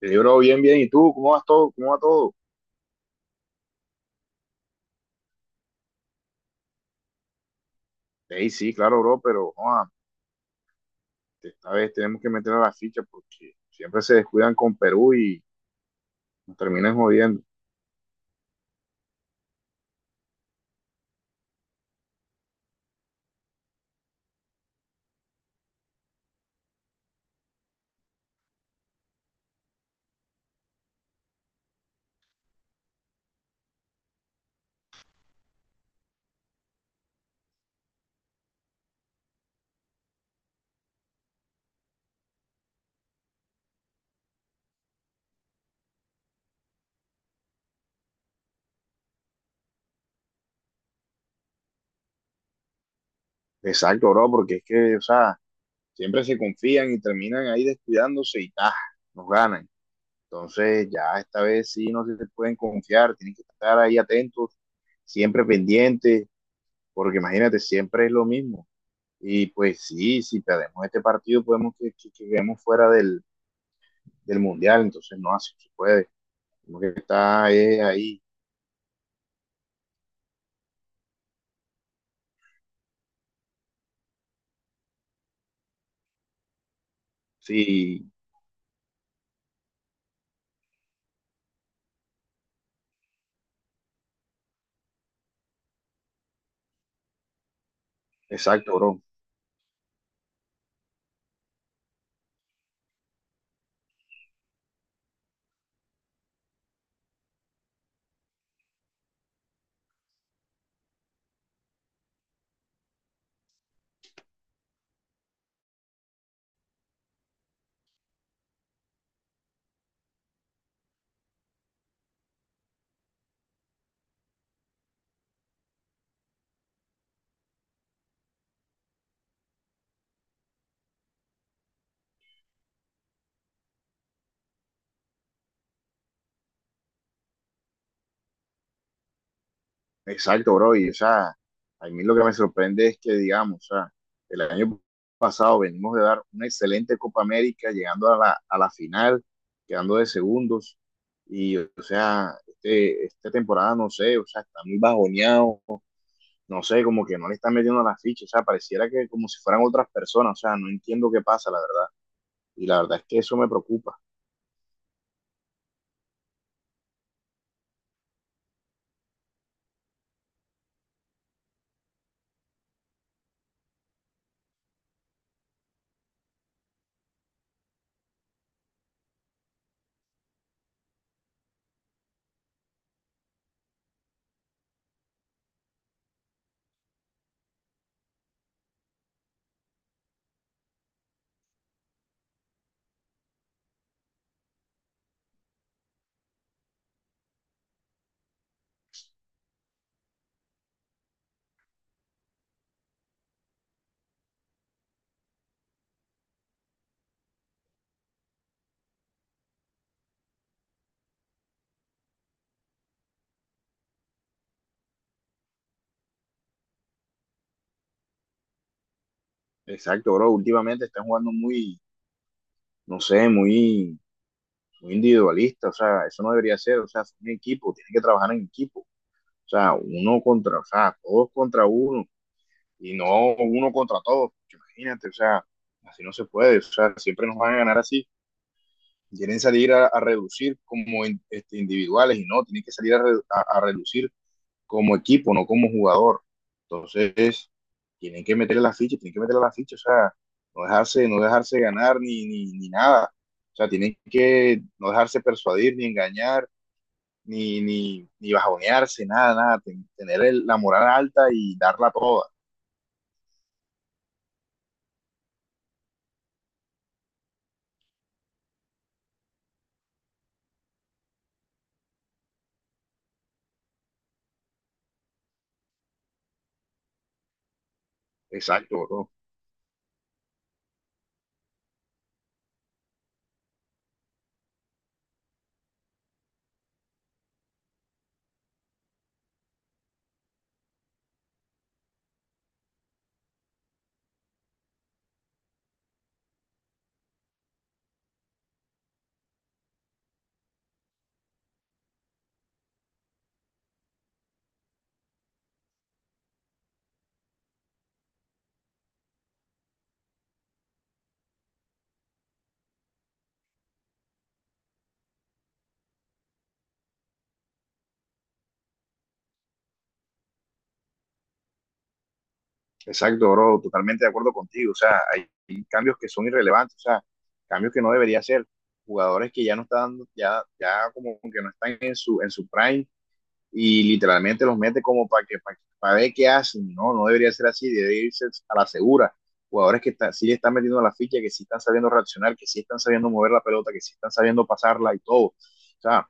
Le digo, bro, bien, bien. ¿Y tú? ¿Cómo vas todo? ¿Cómo va todo? Ey, sí, claro, bro, pero joa, esta vez tenemos que meter a la ficha porque siempre se descuidan con Perú y nos terminan jodiendo. Exacto, bro, porque es que, o sea, siempre se confían y terminan ahí descuidándose y ¡ah! Nos ganan. Entonces, ya esta vez sí no se pueden confiar, tienen que estar ahí atentos, siempre pendientes, porque imagínate, siempre es lo mismo. Y pues sí, si perdemos este partido, podemos que quedemos fuera del mundial, entonces no así se puede. Como que está ahí. Sí, exacto, bro. Exacto, bro. Y o sea, a mí lo que me sorprende es que, digamos, o sea, el año pasado venimos de dar una excelente Copa América, llegando a la final, quedando de segundos. Y, o sea, este, esta temporada, no sé, o sea, está muy bajoneado, no sé, como que no le están metiendo las fichas, o sea, pareciera que como si fueran otras personas, o sea, no entiendo qué pasa, la verdad. Y la verdad es que eso me preocupa. Exacto, bro. Últimamente están jugando muy, no sé, muy, muy individualista. O sea, eso no debería ser. O sea, es un equipo, tienen que trabajar en equipo. O sea, uno contra, o sea, todos contra uno y no uno contra todos. Porque imagínate, o sea, así no se puede. O sea, siempre nos van a ganar así. Quieren salir a reducir como este, individuales y no, tienen que salir a, a reducir como equipo, no como jugador. Entonces, tienen que meterle la ficha, tienen que meterle la ficha, o sea, no dejarse, no dejarse ganar ni nada. O sea, tienen que no dejarse persuadir, ni engañar, ni bajonearse, nada, nada. Tener la moral alta y darla toda. Exacto, bro. Exacto, bro. Totalmente de acuerdo contigo. O sea, hay cambios que son irrelevantes, o sea, cambios que no debería hacer. Jugadores que ya no están, ya, ya como que no están en su prime y literalmente los mete como para para ver qué hacen. No, no debería ser así, debería irse a la segura. Jugadores que está, sí le están metiendo la ficha, que sí están sabiendo reaccionar, que sí están sabiendo mover la pelota, que sí están sabiendo pasarla y todo. O sea,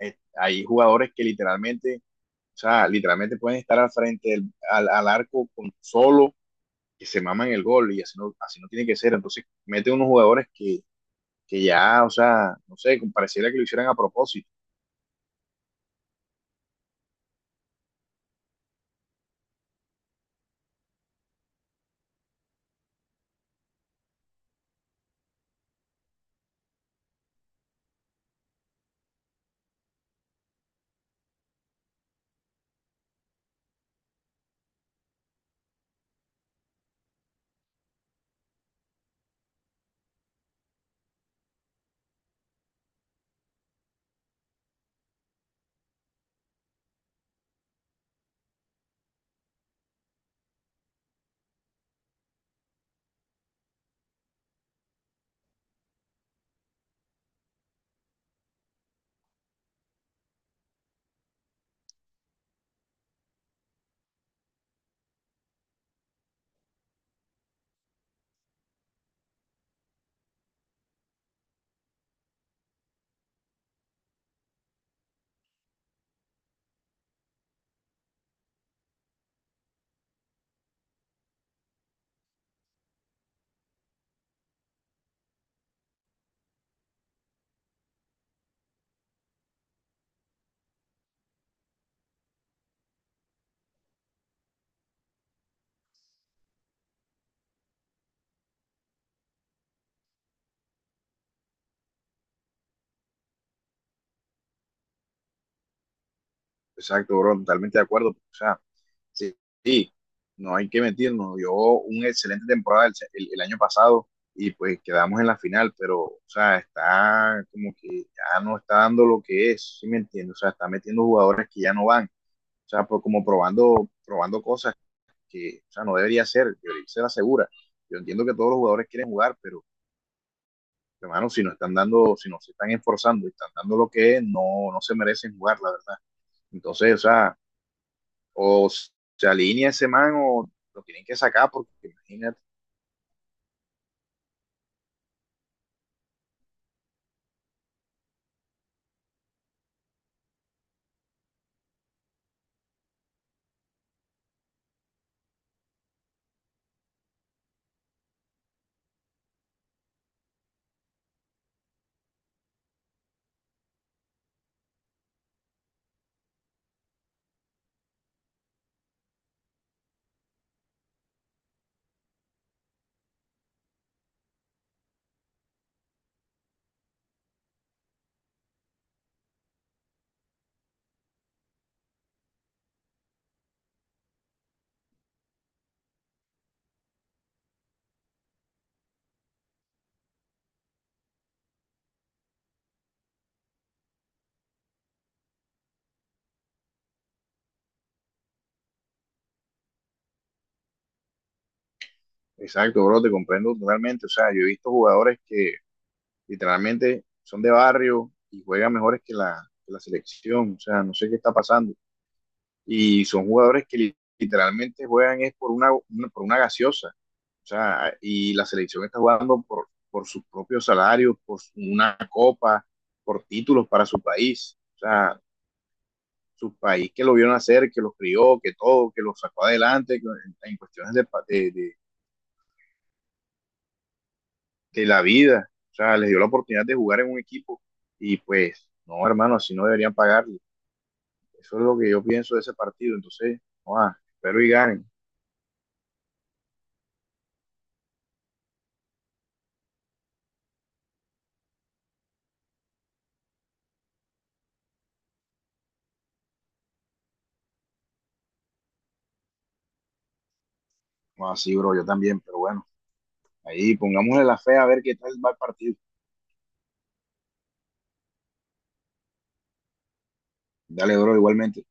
hay jugadores que literalmente, o sea, literalmente pueden estar al frente del, arco con solo que se maman el gol y así no tiene que ser. Entonces, mete unos jugadores que ya, o sea, no sé, pareciera que lo hicieran a propósito. Exacto, bro, totalmente de acuerdo. O sea, sí, sí, no hay que mentirnos, dio una excelente temporada el, el año pasado y pues quedamos en la final, pero, o sea, está como que ya no está dando lo que es, ¿sí me entiendes? O sea, está metiendo jugadores que ya no van, o sea, pues como probando, probando cosas que, o sea, no debería ser, debería ser la segura. Yo entiendo que todos los jugadores quieren jugar, pero, hermano, si no están dando, si no se están esforzando y están dando lo que es, no, no se merecen jugar, la verdad. Entonces, o sea, o se alinea ese man o lo tienen que sacar porque imagínate. Exacto, bro, te comprendo totalmente. O sea, yo he visto jugadores que literalmente son de barrio y juegan mejores que la selección. O sea, no sé qué está pasando. Y son jugadores que literalmente juegan es por una, por una gaseosa. O sea, y la selección está jugando por sus propios salarios, una copa, por títulos para su país. O sea, su país que lo vio nacer que lo crió, que todo, que lo sacó adelante que, cuestiones de, la vida. O sea, les dio la oportunidad de jugar en un equipo y pues, no, hermano, así no deberían pagarle. Eso es lo que yo pienso de ese partido. Entonces, no, ah, espero y ganen. Ah, sí, bro, yo también, pero bueno, ahí pongámosle la fe a ver qué tal va el partido. Dale, bro, igualmente.